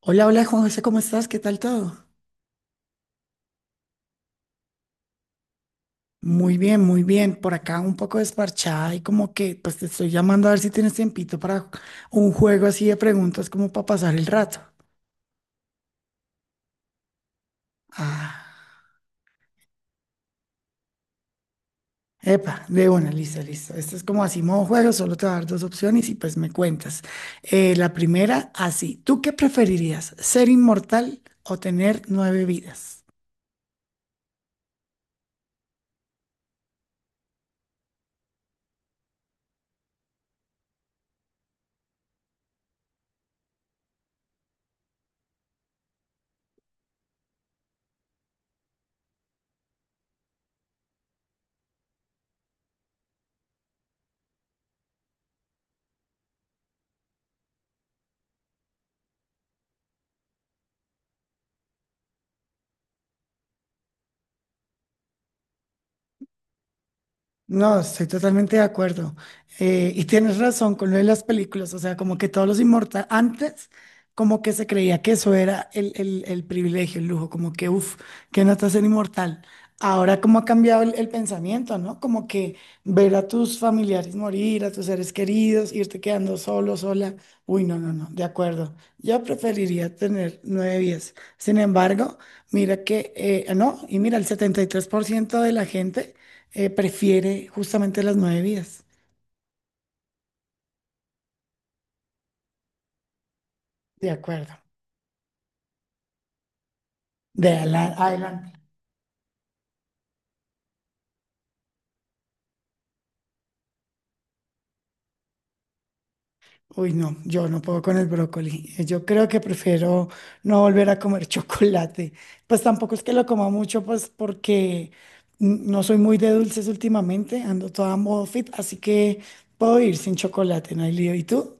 Hola, hola Juan José, ¿cómo estás? ¿Qué tal todo? Muy bien, muy bien. Por acá un poco desparchada y como que pues te estoy llamando a ver si tienes tiempito para un juego así de preguntas como para pasar el rato. Ah, epa, de una, listo, listo. Esto es como así modo juego, solo te voy a dar dos opciones y pues me cuentas. La primera, así. ¿Tú qué preferirías? ¿Ser inmortal o tener nueve vidas? No, estoy totalmente de acuerdo. Y tienes razón con lo de las películas, o sea, como que todos los inmortales, antes como que se creía que eso era el privilegio, el lujo, como que, uff, qué nota ser inmortal. Ahora como ha cambiado el pensamiento, ¿no? Como que ver a tus familiares morir, a tus seres queridos, irte quedando solo, sola. Uy, no, no, no, de acuerdo. Yo preferiría tener nueve vidas. Sin embargo, mira que, no, y mira, el 73% de la gente prefiere justamente las nueve vidas. De acuerdo. Adelante. Uy, no, yo no puedo con el brócoli. Yo creo que prefiero no volver a comer chocolate. Pues tampoco es que lo coma mucho, pues porque no soy muy de dulces últimamente, ando toda modo fit, así que puedo ir sin chocolate, no hay lío. ¿Y tú?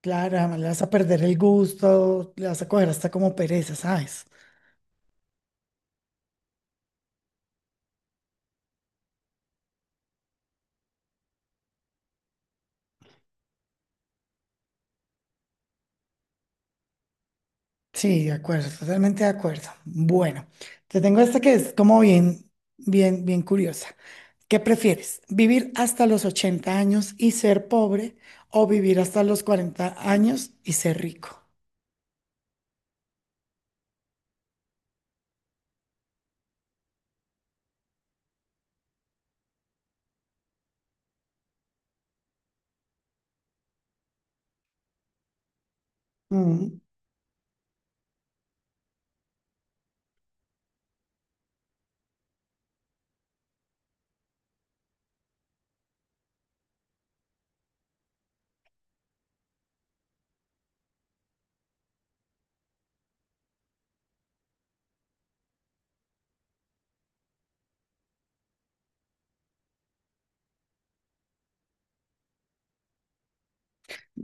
Claro, además le vas a perder el gusto, le vas a coger hasta como pereza, ¿sabes? Sí, de acuerdo, totalmente de acuerdo. Bueno, te tengo esta que es como bien, bien, bien curiosa. ¿Qué prefieres? ¿Vivir hasta los 80 años y ser pobre o vivir hasta los 40 años y ser rico?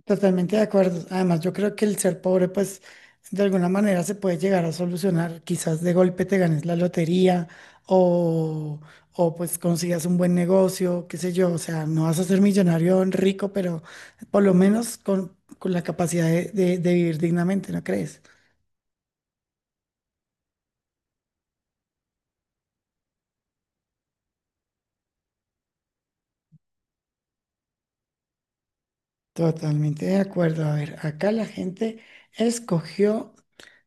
Totalmente de acuerdo. Además, yo creo que el ser pobre, pues, de alguna manera se puede llegar a solucionar. Quizás de golpe te ganes la lotería o, o pues consigas un buen negocio, qué sé yo. O sea, no vas a ser millonario rico, pero por lo menos con la capacidad de vivir dignamente, ¿no crees? Totalmente de acuerdo. A ver, acá la gente escogió,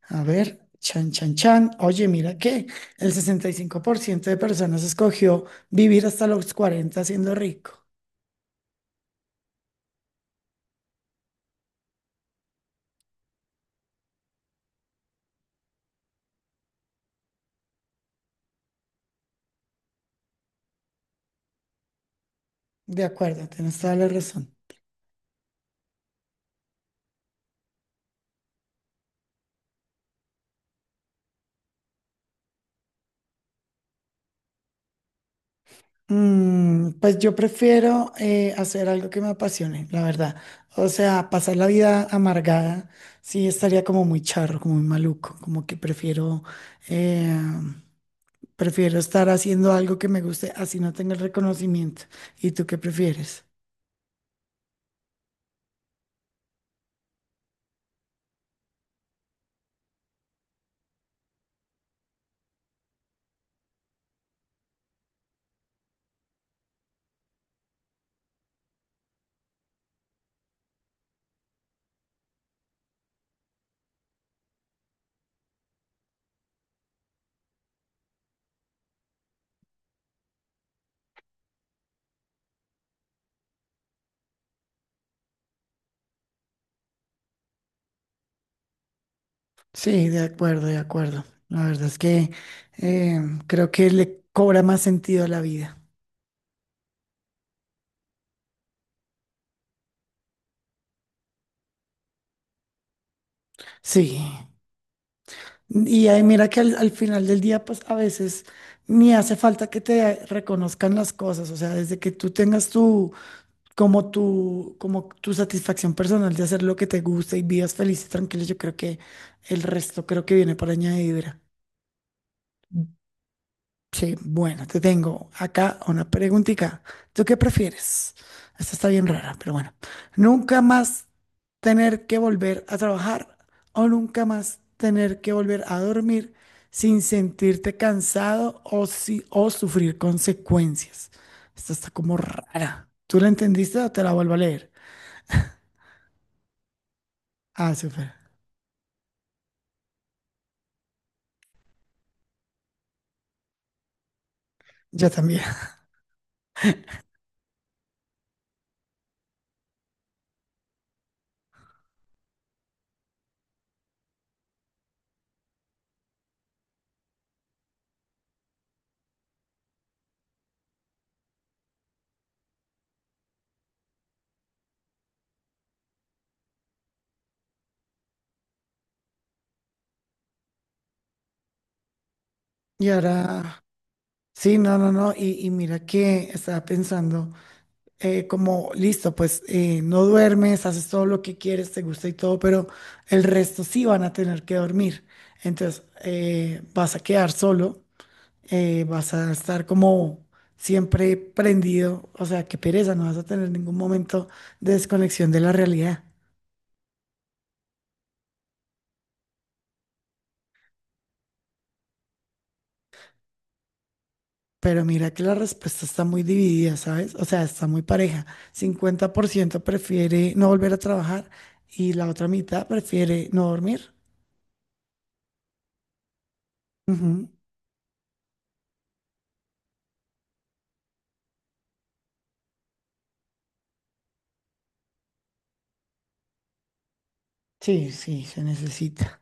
a ver, chan, chan, chan. Oye, mira que el 65% de personas escogió vivir hasta los 40 siendo rico. De acuerdo, tienes toda la razón. Pues yo prefiero hacer algo que me apasione, la verdad. O sea, pasar la vida amargada, sí estaría como muy charro, como muy maluco, como que eh, Prefiero estar haciendo algo que me guste, así no tenga el reconocimiento. ¿Y tú qué prefieres? Sí, de acuerdo, de acuerdo. La verdad es que eh, creo que le cobra más sentido a la vida. Sí. Y ahí mira que al final del día, pues a veces ni hace falta que te reconozcan las cosas. O sea, desde que tú tengas tu satisfacción personal de hacer lo que te gusta y vivas feliz y tranquilo, yo creo que el resto creo que viene por añadidura. Sí, bueno, te tengo acá una preguntita. ¿Tú qué prefieres? Esta está bien rara, pero bueno. ¿Nunca más tener que volver a trabajar o nunca más tener que volver a dormir sin sentirte cansado o, si, o sufrir consecuencias? Esta está como rara. ¿Tú la entendiste o te la vuelvo a leer? Ah, súper. Yo también. Y ahora, sí, no, no, no. Y mira que estaba pensando. Como listo, pues no duermes, haces todo lo que quieres, te gusta y todo, pero el resto sí van a tener que dormir. Entonces vas a quedar solo, vas a estar como siempre prendido, o sea, qué pereza, no vas a tener ningún momento de desconexión de la realidad. Pero mira que la respuesta está muy dividida, ¿sabes? O sea, está muy pareja. 50% prefiere no volver a trabajar y la otra mitad prefiere no dormir. Ujú. Sí, sí, se necesita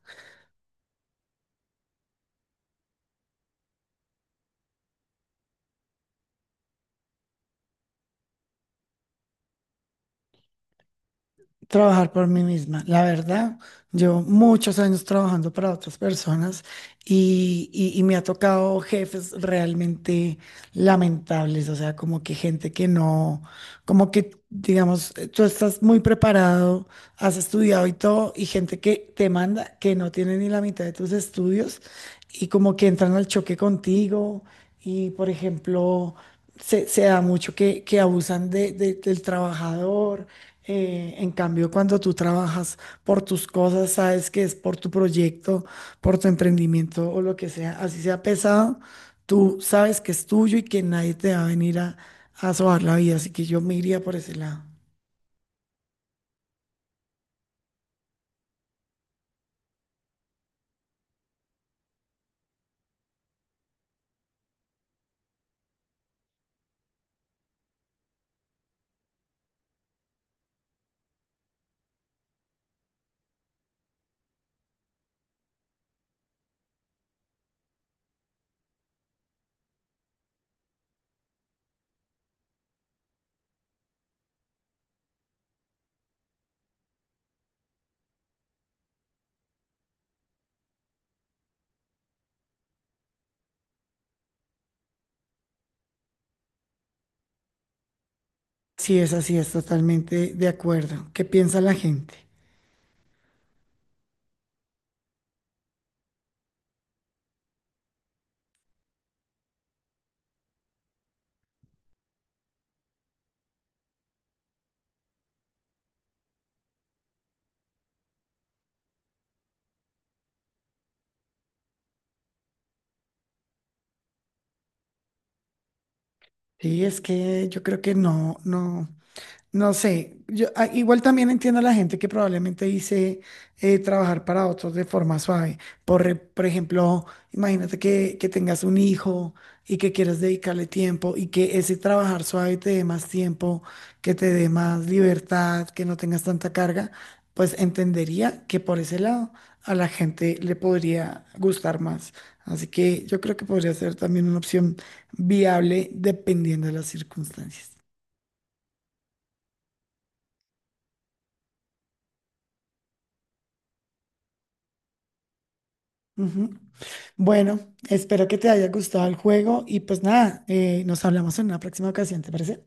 trabajar por mí misma. La verdad, llevo muchos años trabajando para otras personas y me ha tocado jefes realmente lamentables, o sea, como que gente que no, como que, digamos, tú estás muy preparado, has estudiado y todo, y gente que te manda que no tiene ni la mitad de tus estudios y como que entran al choque contigo y, por ejemplo, se da mucho que abusan del trabajador. En cambio, cuando tú trabajas por tus cosas, sabes que es por tu proyecto, por tu emprendimiento o lo que sea, así sea pesado, tú sabes que es tuyo y que nadie te va a venir a sobar la vida, así que yo me iría por ese lado. Sí, es así, es totalmente de acuerdo. ¿Qué piensa la gente? Sí, es que yo creo que no, no. No sé, yo igual también entiendo a la gente que probablemente dice trabajar para otros de forma suave. Por ejemplo, imagínate que tengas un hijo y que quieras dedicarle tiempo y que ese trabajar suave te dé más tiempo, que te dé más libertad, que no tengas tanta carga, pues entendería que por ese lado a la gente le podría gustar más. Así que yo creo que podría ser también una opción viable dependiendo de las circunstancias. Bueno, espero que te haya gustado el juego y pues nada, nos hablamos en una próxima ocasión, ¿te parece?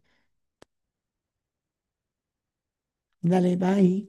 Dale, bye.